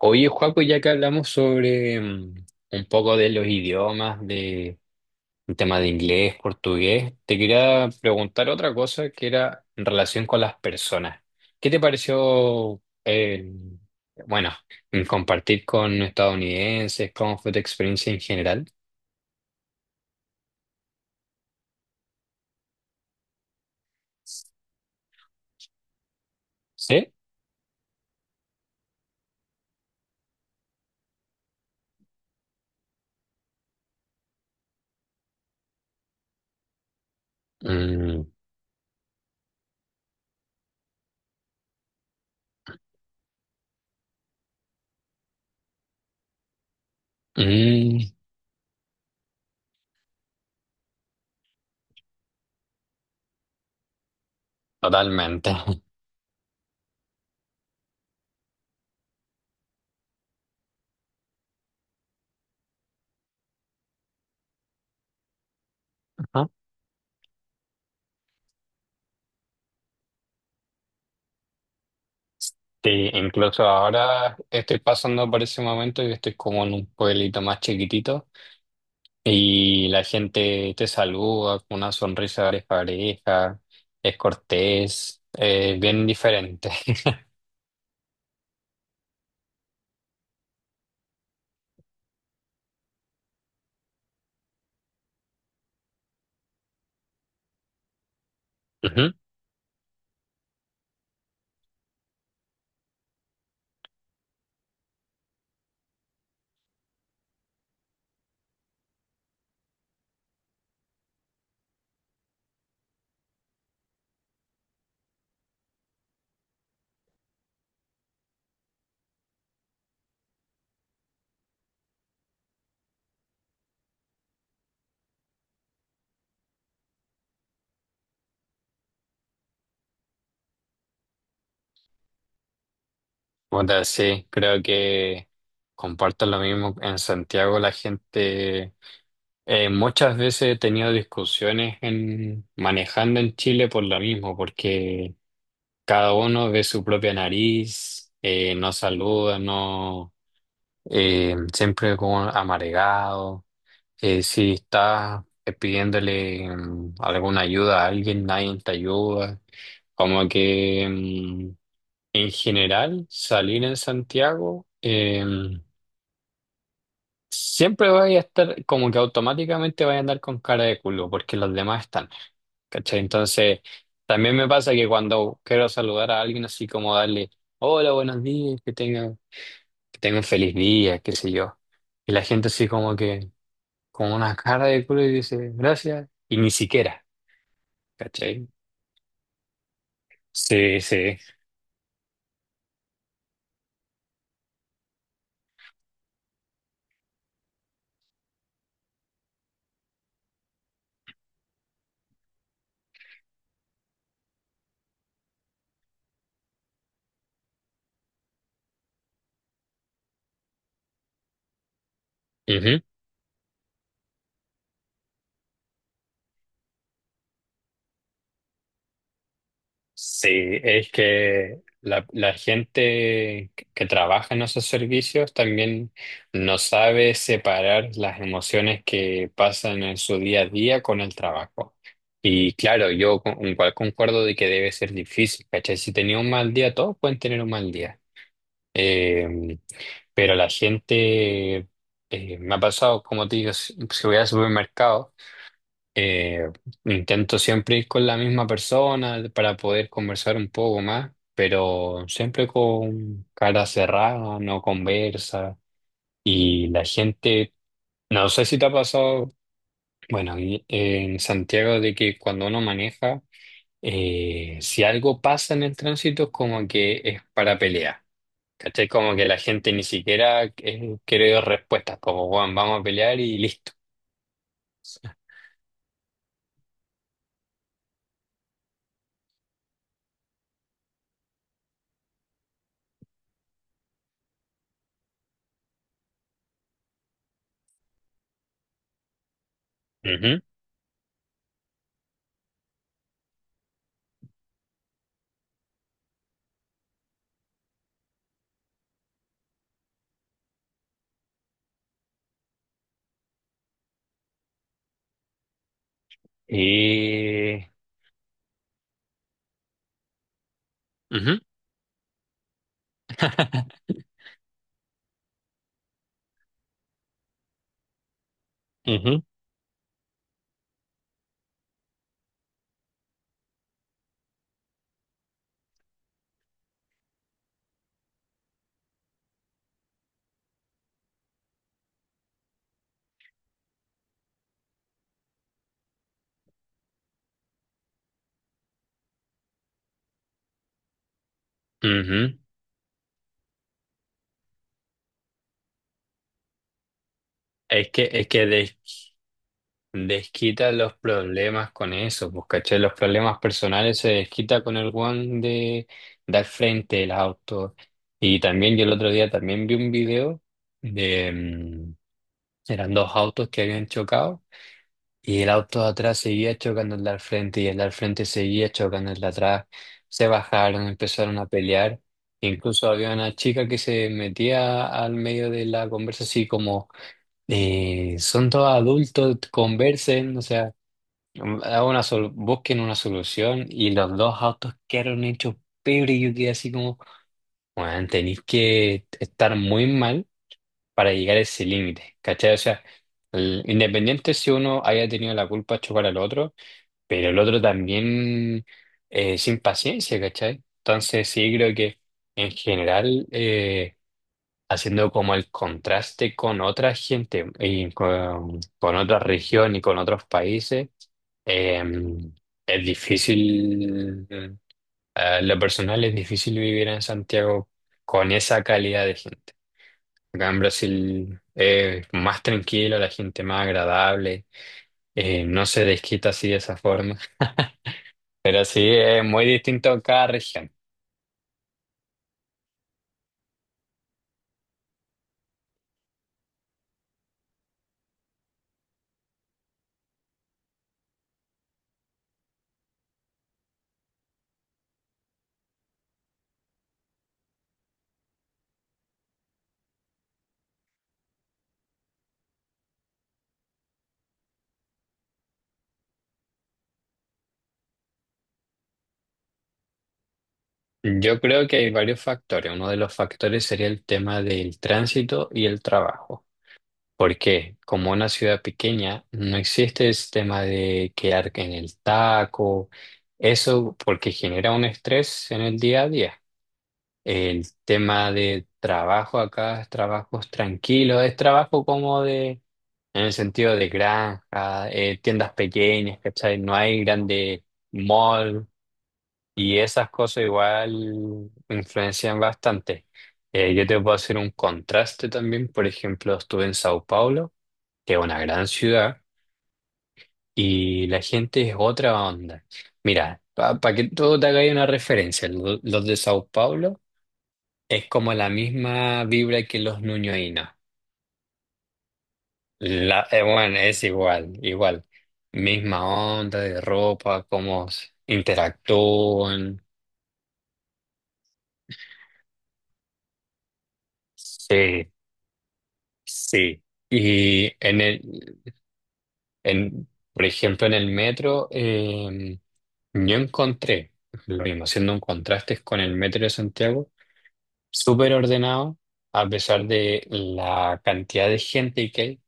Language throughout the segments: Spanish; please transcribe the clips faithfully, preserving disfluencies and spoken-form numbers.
Oye, Joaco, ya que hablamos sobre mm, un poco de los idiomas, de un tema de inglés, portugués, te quería preguntar otra cosa que era en relación con las personas. ¿Qué te pareció, eh, bueno, compartir con estadounidenses? ¿Cómo fue tu experiencia en general? ¿Sí? Mm, mm, totalmente. Ajá. Sí, incluso ahora estoy pasando por ese momento y estoy como en un pueblito más chiquitito. Y la gente te saluda con una sonrisa de pareja, es cortés, es bien diferente. Ujú. Puta, sí, creo que comparto lo mismo. En Santiago la gente, eh, muchas veces he tenido discusiones en, manejando en Chile por lo mismo, porque cada uno ve su propia nariz, eh, no saluda, no, eh, siempre como amargado. Eh, si estás eh, pidiéndole mm, alguna ayuda a alguien, nadie te ayuda. Como que mm, en general salir en Santiago eh, siempre vaya a estar como que automáticamente vaya a andar con cara de culo porque los demás están. ¿Cachai? Entonces también me pasa que cuando quiero saludar a alguien así como darle hola, buenos días, que tenga, que tenga un feliz día, qué sé yo. Y la gente así como que... con una cara de culo y dice, gracias, y ni siquiera, ¿cachai? Sí, sí. Ujú. Sí, es que la, la gente que que trabaja en esos servicios también no sabe separar las emociones que pasan en su día a día con el trabajo. Y claro, yo con- igual concuerdo de que debe ser difícil, ¿cachai? Si tenía un mal día, todos pueden tener un mal día. Em, Pero la gente, eh, me ha pasado, como te digo, si, si voy al supermercado, eh, intento siempre ir con la misma persona para poder conversar un poco más, pero siempre con cara cerrada, no conversa. Y la gente, no sé si te ha pasado, bueno, y- eh, en Santiago de que cuando uno maneja, eh, si algo pasa en el tránsito es como que es para pelear. ¿Cachai? Como que la gente ni siquiera eh, quiere dar respuestas, como, Juan, vamos a pelear y listo. Ujú. Y... ujú, ujú, ujú. Es que, es que des- desquita los problemas con eso, pues, ¿cachai? Los problemas personales se desquita con el Juan de dar frente el auto. Y también yo el otro día también vi un video de... mm, eran dos autos que habían chocado. Y el auto de atrás seguía chocando el de al frente y el de al frente seguía chocando el de atrás. Se bajaron, empezaron a pelear. Incluso había una chica que se metía al medio de la conversa así como, eh, son todos adultos, conversen, o sea, hagan una sol- busquen una solución. Y los dos autos quedaron hechos pebre y yo quedé así como, bueno, tenéis que estar muy mal para llegar a ese límite, ¿cachai? O sea, el- independiente si uno haya tenido la culpa de chocar al otro pero el otro también eh, sin paciencia, ¿cachai? Entonces sí creo que en general eh, haciendo como el contraste con otra gente y con, con otra región y con otros países, eh, es difícil, eh, lo personal es difícil vivir en Santiago con esa calidad de gente. Acá en Brasil es más tranquilo, la gente más agradable, eh, no se desquita así de esa forma. Pero sí, es muy distinto en cada región. Yo creo que hay varios factores. Uno de los factores sería el tema del tránsito y el trabajo. ¿Por qué? Como una ciudad pequeña, no existe el tema de quedar en el taco. Eso porque genera un estrés en el día a día. El tema de trabajo acá es trabajos tranquilos, es trabajo como de, en el sentido de granja, eh, tiendas pequeñas, ¿cachai? No hay grande mall. Y esas cosas igual influencian bastante. Eh, yo te puedo hacer un contraste también. Por ejemplo, estuve en Sao Paulo, que es una gran ciudad, y la gente es otra onda. Mira, para que todo te haga ahí una referencia, lo- los de Sao Paulo es como la misma vibra que los ñuñoínos. La, eh, bueno, es igual, igual. Misma onda de ropa, cómo s- interactúan. Sí, sí, y en el, en, por ejemplo, en el metro, eh, yo encontré, lo mismo, haciendo un contraste con el metro de Santiago, súper ordenado, a pesar de la cantidad de gente que hay,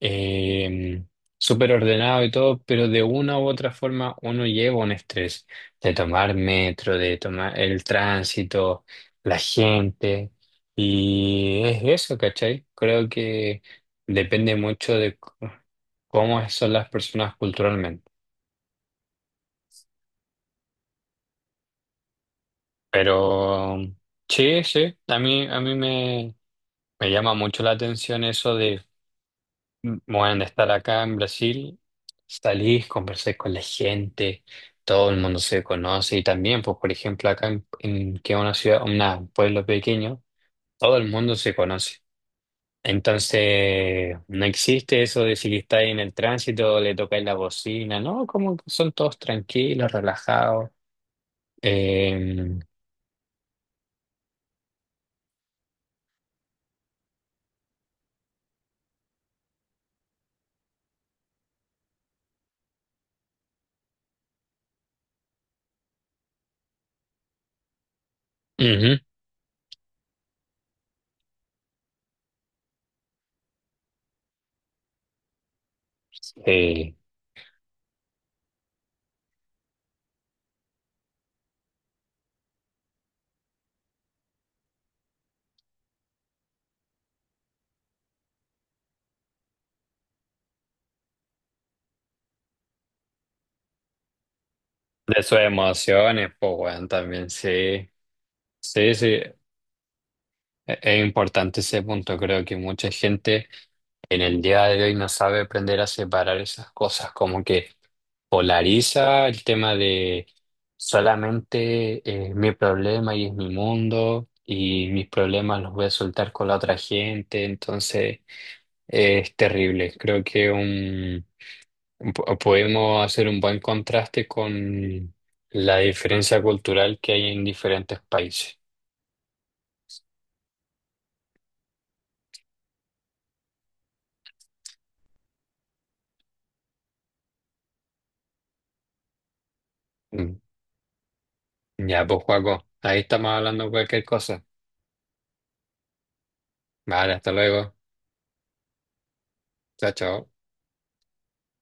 eh, súper ordenado y todo, pero de una u otra forma uno lleva un estrés de tomar metro, de tomar el tránsito, la gente, y es eso, ¿cachai? Creo que depende mucho de c- cómo son las personas culturalmente. Pero sí, sí, a mí, a mí me, me llama mucho la atención eso. Bueno, de estar acá en Brasil, salís, conversás con la gente, todo el mundo se conoce y también, pues, por ejemplo, acá en, en- que es una ciudad, una- un pueblo pequeño, todo el mundo se conoce. Entonces, no existe eso de si estáis en el tránsito, le tocáis la bocina, ¿no? Como que son todos tranquilos, relajados. Eh, ujú, sí. De sus emociones, pues, bueno, también, sí. Sí, sí. E- Es importante ese punto, creo que mucha gente en el día de hoy no sabe aprender a separar esas cosas, como que polariza el tema de solamente es mi problema y es mi mundo y mis problemas los voy a soltar con la otra gente, entonces eh, es terrible. Creo que un, po- podemos hacer un buen contraste con la diferencia cultural que hay en diferentes países. Mm. Ya, pues, Juaco, ahí estamos hablando de cualquier cosa. Vale, hasta luego. Chao, chao.